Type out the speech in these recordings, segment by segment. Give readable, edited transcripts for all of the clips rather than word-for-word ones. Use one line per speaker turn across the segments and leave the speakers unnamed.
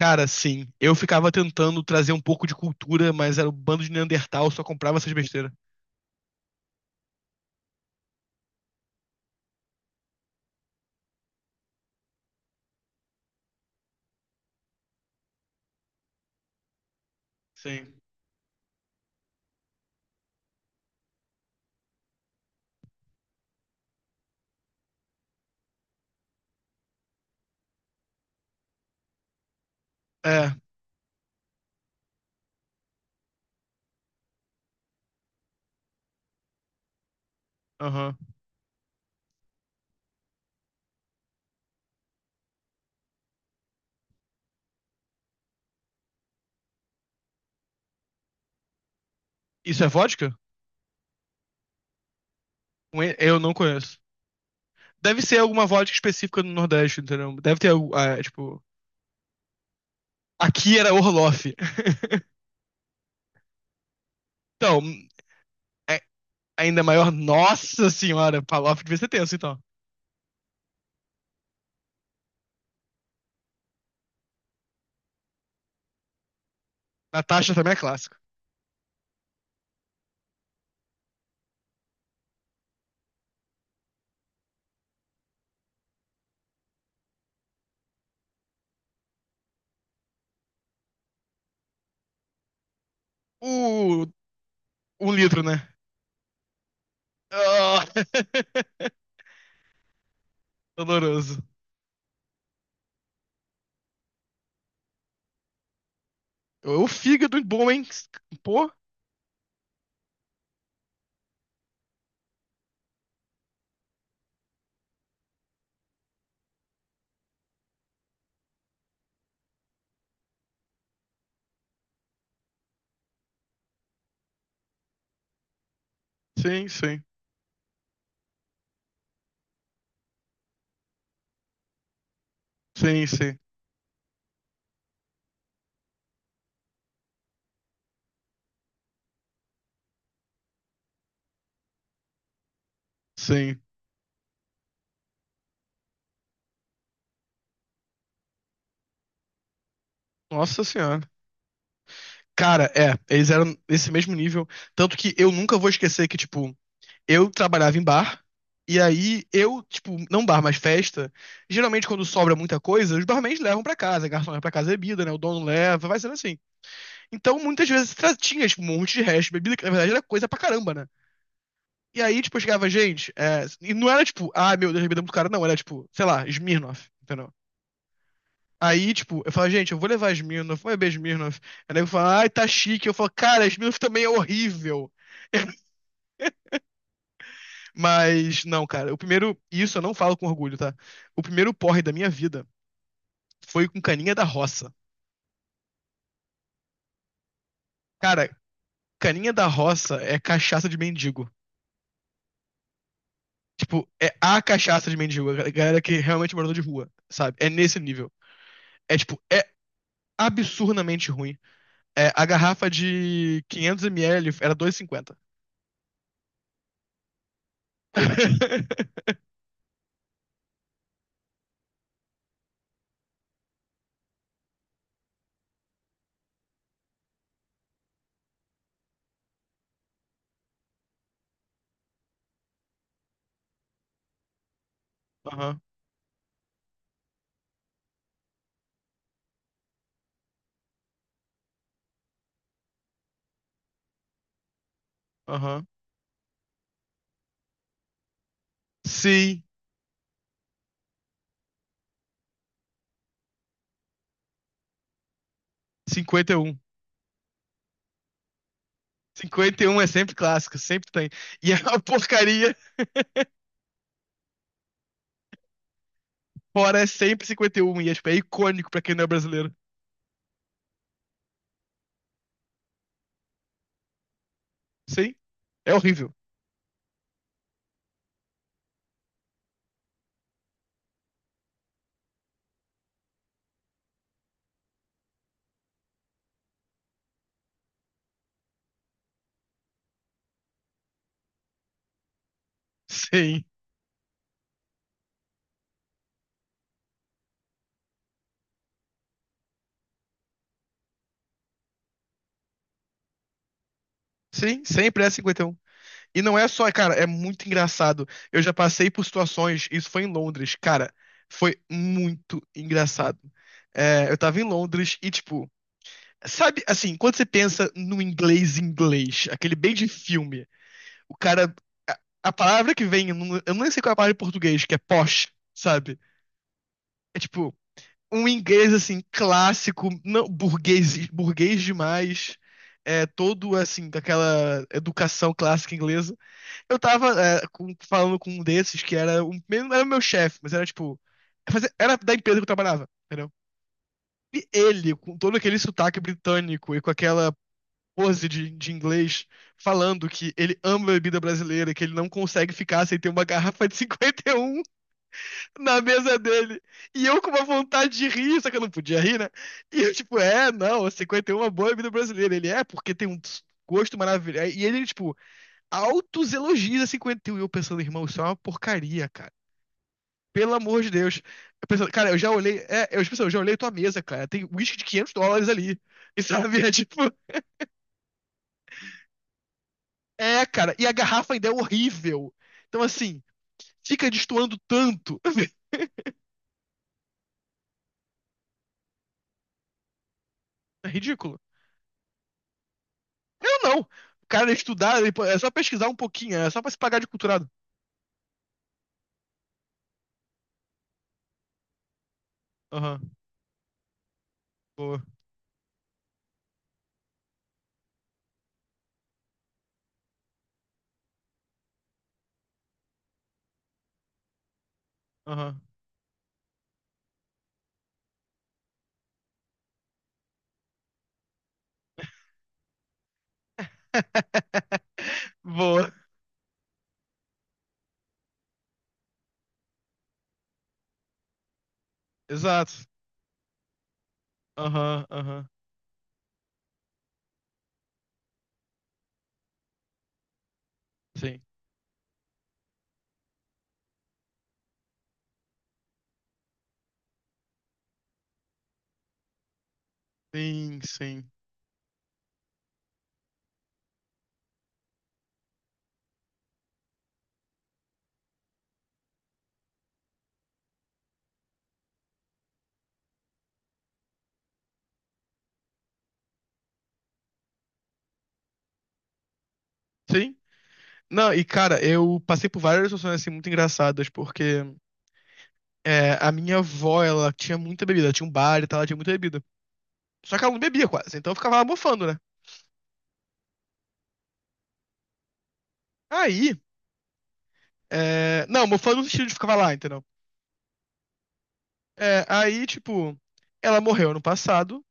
Cara, sim. Eu ficava tentando trazer um pouco de cultura, mas era um bando de Neandertal, só comprava essas besteiras. Sim. É, aham. Isso é vodka? Eu não conheço. Deve ser alguma vodka específica do Nordeste, entendeu? Deve ter, ah, é, tipo. Aqui era Orloff. Então, é ainda maior. Nossa senhora, Palof devia ser tenso, então. Natasha também é clássico. O... Um litro, né? Ah, doloroso. O fígado bom, hein? Pô, sim, sim. Sim, sim, sim. Nossa senhora. Cara, eles eram nesse mesmo nível. Tanto que eu nunca vou esquecer que, tipo, eu trabalhava em bar, e aí eu, tipo, não bar, mas festa. Geralmente, quando sobra muita coisa, os barmans levam pra casa, garçom leva pra casa bebida, né? O dono leva, vai sendo assim. Então, muitas vezes tinha, tipo, um monte de resto de bebida, que na verdade era coisa pra caramba, né? E aí, tipo, eu chegava, gente, e não era tipo, ah, meu Deus, bebida é muito cara, não, era tipo, sei lá, Smirnoff, entendeu? Aí, tipo, eu falo, gente, eu vou levar Smirnoff, vou beber Smirnoff. Aí o nego fala, ai, tá chique. Eu falo, cara, Smirnoff também é horrível. Mas, não, cara, o primeiro, isso eu não falo com orgulho, tá? O primeiro porre da minha vida foi com Caninha da Roça. Cara, Caninha da Roça é cachaça de mendigo. Tipo, é a cachaça de mendigo, a galera que realmente é morador de rua, sabe? É nesse nível. É, tipo, é absurdamente ruim. É, a garrafa de 500 ml era 2,50. Aham, aham. Sim. cinquenta cinquenta e um cinquenta e um é sempre clássico, sempre tem. E é uma porcaria, fora é sempre cinquenta e um. E tipo, é icônico pra quem não é brasileiro. Sim, é horrível. Sim, sim, sempre é 51. E um. E não é só, cara, é muito engraçado. Eu já passei por situações, isso foi em Londres, cara, foi muito engraçado. É, eu tava em Londres e, tipo, sabe, assim, quando você pensa no inglês inglês, aquele bem de filme. O cara. A, a palavra que vem, eu nem sei qual é a palavra em português, que é posh, sabe? É tipo, um inglês assim, clássico, não, burguês, burguês demais. É, todo assim, daquela educação clássica inglesa. Eu tava falando com um desses que era meu chefe, mas era tipo. Era da empresa que eu trabalhava, entendeu? E ele, com todo aquele sotaque britânico e com aquela pose de inglês falando que ele ama a bebida brasileira, que ele não consegue ficar sem ter uma garrafa de 51 na mesa dele. E eu com uma vontade de rir, só que eu não podia rir, né? E eu, tipo, não, 51 é uma boa bebida brasileira. Ele é, porque tem um gosto maravilhoso. E ele, tipo, altos elogios a cinquenta e um e eu pensando, irmão, isso é uma porcaria, cara. Pelo amor de Deus. Eu pensando, cara, eu já olhei. É, eu, tipo, assim, eu já olhei tua mesa, cara. Tem uísque de 500 dólares ali. E sabe? É tipo. É, cara, e a garrafa ainda é horrível. Então, assim, fica destoando tanto. É ridículo. Eu não. O cara estudar, é só pesquisar um pouquinho, é só pra se pagar de culturado. Aham, boa. Aham. Boa. Exato. Aham, aham. Sim. Sim, sim. Sim. Não, e cara, eu passei por várias situações assim muito engraçadas, porque a minha avó, ela tinha muita bebida, ela tinha um bar e tal, ela tinha muita bebida. Só que ela não bebia quase, então eu ficava lá mofando, né? Aí, é, não, mofando no sentido de ficar lá, entendeu? É, aí, tipo, ela morreu ano passado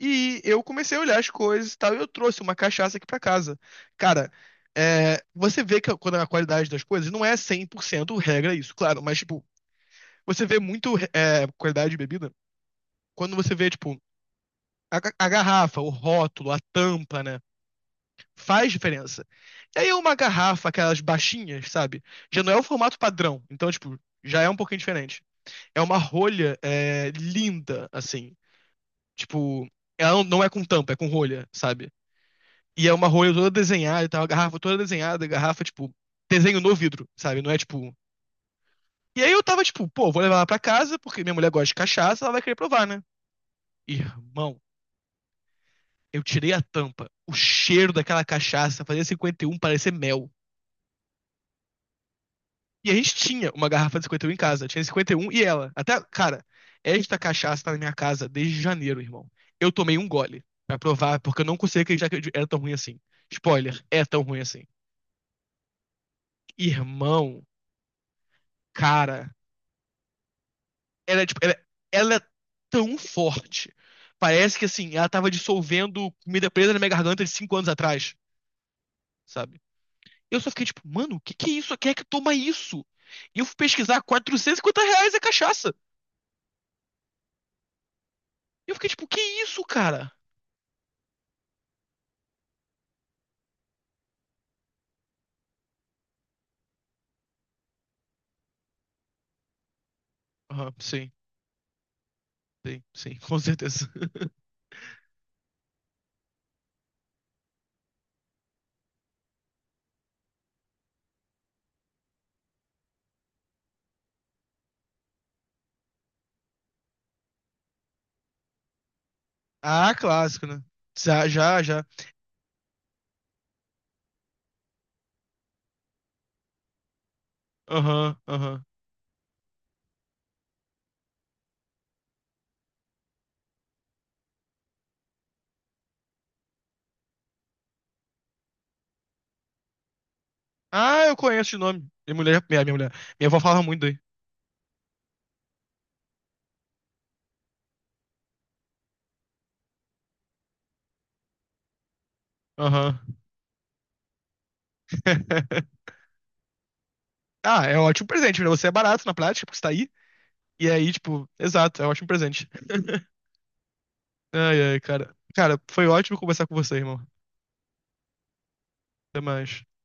e eu comecei a olhar as coisas e tal, e eu trouxe uma cachaça aqui pra casa. Cara, você vê que quando é a qualidade das coisas não é 100%, regra isso, claro, mas, tipo, você vê muito qualidade de bebida quando você vê, tipo, a garrafa, o rótulo, a tampa, né? Faz diferença. E aí uma garrafa, aquelas baixinhas, sabe? Já não é o formato padrão, então, tipo, já é um pouquinho diferente. É uma rolha, é linda, assim. Tipo, ela não é com tampa, é com rolha, sabe? E é uma rolha toda desenhada e tal, a garrafa toda desenhada, a garrafa, tipo, desenho no vidro, sabe? Não é tipo. E aí eu tava tipo, pô, vou levar ela pra casa, porque minha mulher gosta de cachaça, ela vai querer provar, né? Irmão, eu tirei a tampa. O cheiro daquela cachaça fazia 51 parecer mel. E a gente tinha uma garrafa de 51 em casa. Tinha cinquenta e um e ela. Até, cara, esta cachaça tá na minha casa desde janeiro, irmão. Eu tomei um gole pra provar, porque eu não conseguia acreditar que era tão ruim assim. Spoiler, é tão ruim assim. Irmão, cara, ela é tipo, ela é tão forte. Parece que assim, ela tava dissolvendo comida presa na minha garganta de 5 anos atrás, sabe? Eu só fiquei tipo, mano, o que que é isso? Quem é que toma isso? E eu fui pesquisar, R$ 450 a cachaça. E eu fiquei tipo, que isso, cara? Aham, sim, sim, sim, com certeza. Ah, clássico, né? Já, já, já. Aham, aham. Ah, eu conheço de nome. Minha mulher, minha mulher. Minha avó falava muito daí. Aham. Ah, é um ótimo presente, né? Você é barato na prática, porque você tá aí. E aí, tipo, exato, é um ótimo presente. Ai, ai, cara. Cara, foi ótimo conversar com você, irmão. Até mais.